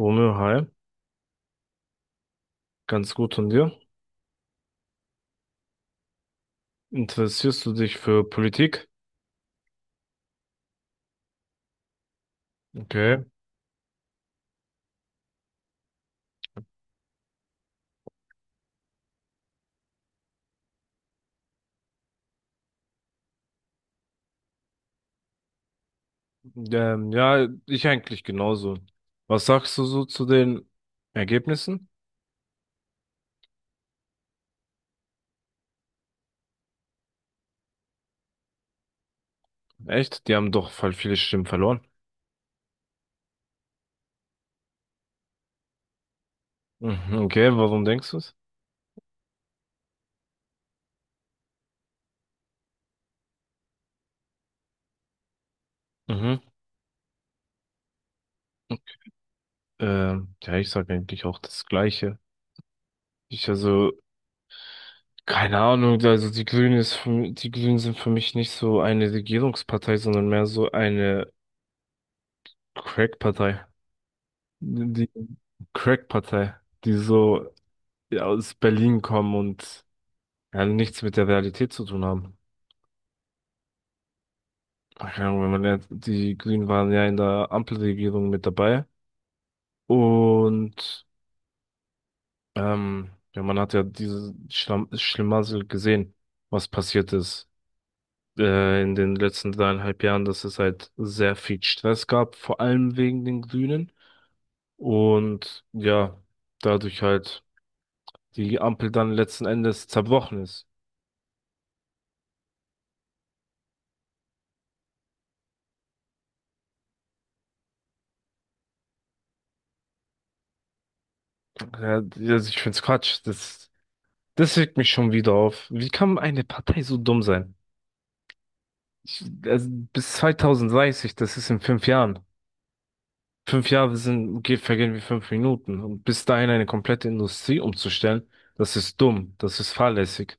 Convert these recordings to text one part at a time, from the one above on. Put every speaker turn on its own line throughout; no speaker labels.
Romeo, hi! Ganz gut, und dir? Interessierst du dich für Politik? Okay. Ja, ich eigentlich genauso. Was sagst du so zu den Ergebnissen? Echt? Die haben doch voll viele Stimmen verloren. Mhm, okay, warum denkst du es? Mhm. Ja, ich sag eigentlich auch das Gleiche. Ich, also, keine Ahnung, also die Grünen ist für, die Grünen sind für mich nicht so eine Regierungspartei, sondern mehr so eine Crack-Partei. Die Crack-Partei, die so, ja, aus Berlin kommen und, ja, nichts mit der Realität zu tun haben. Keine Ahnung, wenn man jetzt, die Grünen waren ja in der Ampelregierung mit dabei, und ja, man hat ja dieses Schlamm Schlamassel gesehen, was passiert ist in den letzten 3,5 Jahren, dass es halt sehr viel Stress gab, vor allem wegen den Grünen, und ja, dadurch halt die Ampel dann letzten Endes zerbrochen ist. Ja, also ich find's Quatsch. Das regt mich schon wieder auf. Wie kann eine Partei so dumm sein? Also bis 2030, das ist in 5 Jahren. 5 Jahre vergehen wie 5 Minuten. Und bis dahin eine komplette Industrie umzustellen, das ist dumm, das ist fahrlässig.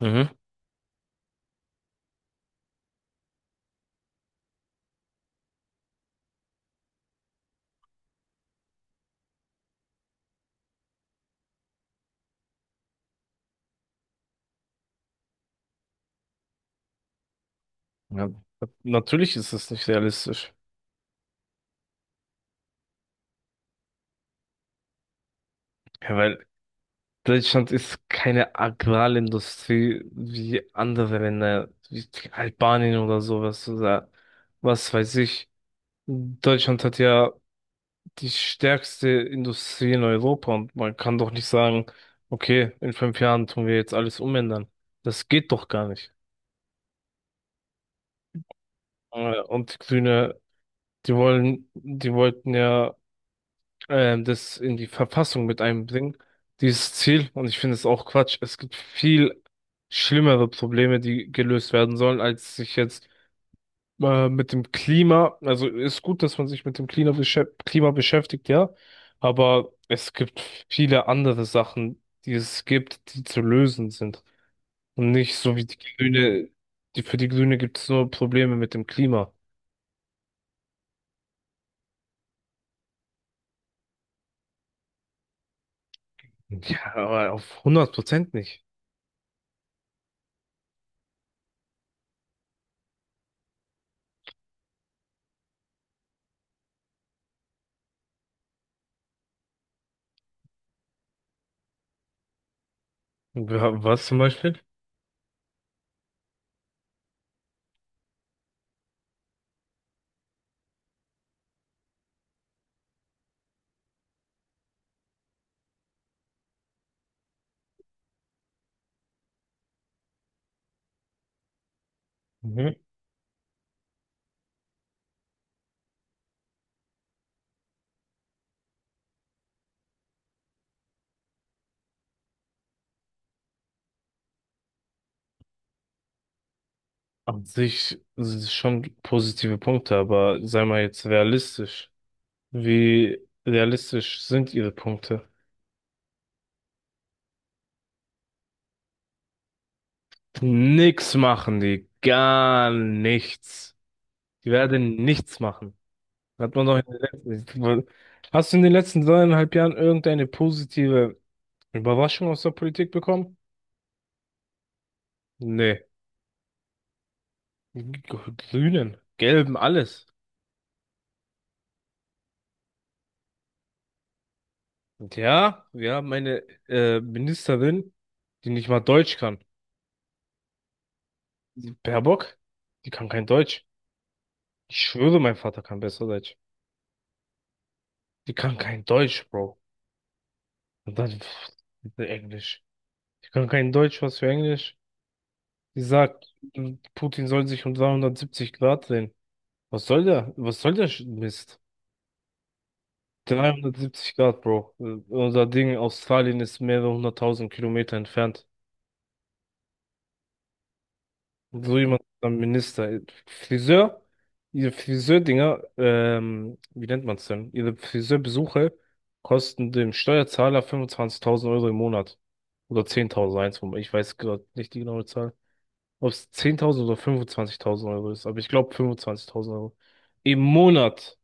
Mhm. Ja, natürlich ist es nicht realistisch. Ja, weil Deutschland ist keine Agrarindustrie wie andere Länder, wie Albanien oder sowas, oder was weiß ich. Deutschland hat ja die stärkste Industrie in Europa, und man kann doch nicht sagen, okay, in 5 Jahren tun wir jetzt alles umändern. Das geht doch gar nicht. Und die Grüne, die wollten ja, das in die Verfassung mit einbringen, dieses Ziel. Und ich finde es auch Quatsch. Es gibt viel schlimmere Probleme, die gelöst werden sollen, als sich jetzt mit dem Klima, also ist gut, dass man sich mit dem Klima Klima beschäftigt, ja, aber es gibt viele andere Sachen, die es gibt, die zu lösen sind. Und nicht so wie die Grüne, für die Grüne gibt es nur Probleme mit dem Klima. Ja, aber auf 100% nicht. Ja, was zum Beispiel? Mhm. An sich sind schon positive Punkte, aber sei mal jetzt realistisch. Wie realistisch sind ihre Punkte? Nix machen die, gar nichts. Die werden nichts machen. Hat man doch in den letzten, Hast du in den letzten dreieinhalb Jahren irgendeine positive Überraschung aus der Politik bekommen? Nee. Grünen, Gelben, alles. Und ja, wir haben eine Ministerin, die nicht mal Deutsch kann. Die Baerbock, die kann kein Deutsch. Ich schwöre, mein Vater kann besser Deutsch. Die kann kein Deutsch, Bro. Und dann pff, Englisch. Die kann kein Deutsch, was für Englisch. Sie sagt, Putin soll sich um 370 Grad drehen. Was soll der? Was soll der Mist? 370 Grad, Bro. Unser Ding, Australien ist mehrere 100.000 Kilometer entfernt. Und so jemand ist ein Minister. Friseur, Ihre Friseurdinger, wie nennt man's denn? Ihre Friseurbesuche kosten dem Steuerzahler 25.000 Euro im Monat. Oder 10.000, eins ich weiß gerade nicht die genaue Zahl. Ob es 10.000 oder 25.000 Euro ist, aber ich glaube 25.000 Euro. Im Monat.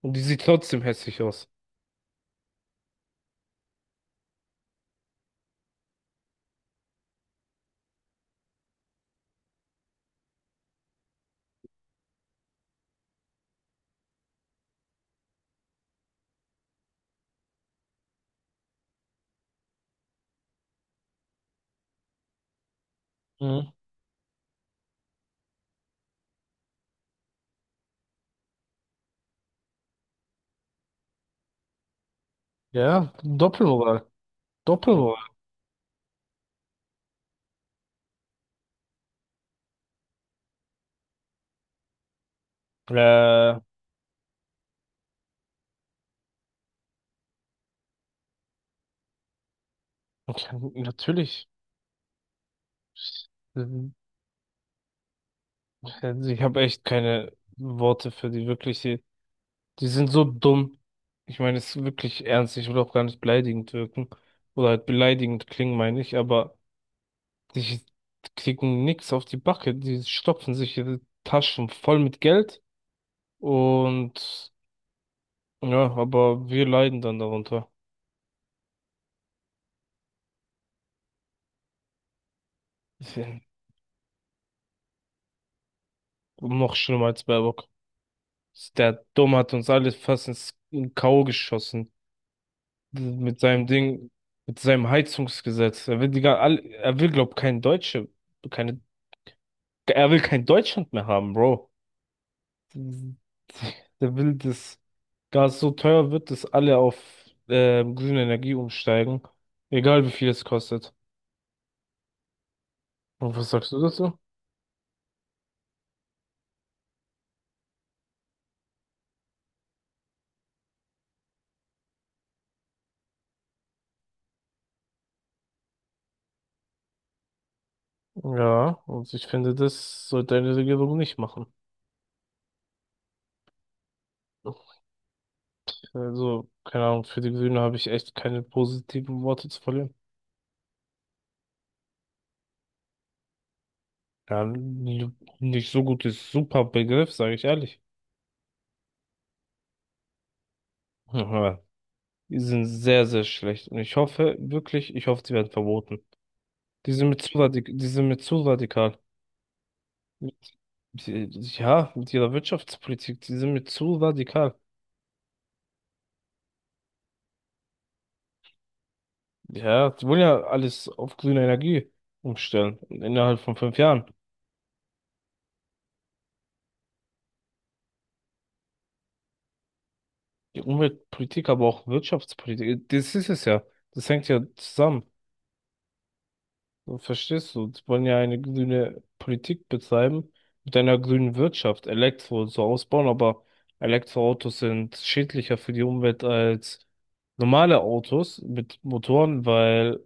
Und die sieht trotzdem hässlich aus. Mhm. Ja, Doppelmoral. Doppelmoral. Ja, natürlich. Ähm, Ich habe echt keine Worte für die wirklich. Die sind so dumm. Ich meine, es ist wirklich ernst. Ich will auch gar nicht beleidigend wirken. Oder halt beleidigend klingen, meine ich, aber die kriegen nix auf die Backe. Die stopfen sich ihre Taschen voll mit Geld. Und ja, aber wir leiden dann darunter. Ist ja noch schlimmer als Baerbock. Der Dumme hat uns alle fast ins in K.O. geschossen. Mit seinem Ding, mit seinem Heizungsgesetz. Er will er will, glaub, kein Deutsche, keine, er will kein Deutschland mehr haben, Bro. Der will, dass Gas so teuer wird, dass alle auf grüne Energie umsteigen. Egal wie viel es kostet. Und was sagst du dazu? Ja, und ich finde, das sollte eine Regierung nicht machen. Also, keine Ahnung, für die Grünen habe ich echt keine positiven Worte zu verlieren. Ja, nicht so gut ist super Begriff, sage ich ehrlich. Aber die sind sehr, sehr schlecht. Und ich hoffe, wirklich, ich hoffe, die werden verboten. Die sind mir zu radikal, die sind mir zu radikal. Die, ja, mit ihrer Wirtschaftspolitik, die sind mir zu radikal. Ja, die wollen ja alles auf grüne Energie umstellen. Innerhalb von 5 Jahren. Die Umweltpolitik, aber auch Wirtschaftspolitik, das ist es ja. Das hängt ja zusammen. Du Verstehst du? Die wollen ja eine grüne Politik betreiben, mit einer grünen Wirtschaft, Elektro und so ausbauen, aber Elektroautos sind schädlicher für die Umwelt als normale Autos mit Motoren, weil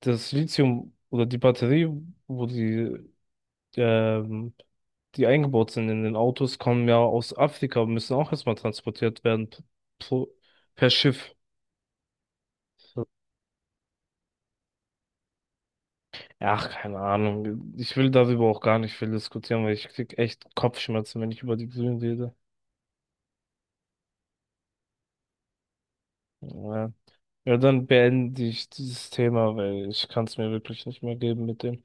das Lithium oder die Batterie, wo ähm, die eingebaut sind in den Autos, kommen ja aus Afrika und müssen auch erstmal transportiert werden, pro, per Schiff. Ach, keine Ahnung. Ich will darüber auch gar nicht viel diskutieren, weil ich krieg echt Kopfschmerzen, wenn ich über die Grünen rede. Ja. Ja, dann beende ich dieses Thema, weil ich kann es mir wirklich nicht mehr geben mit dem.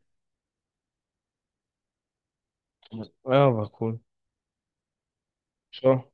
Ja, war cool. Ciao.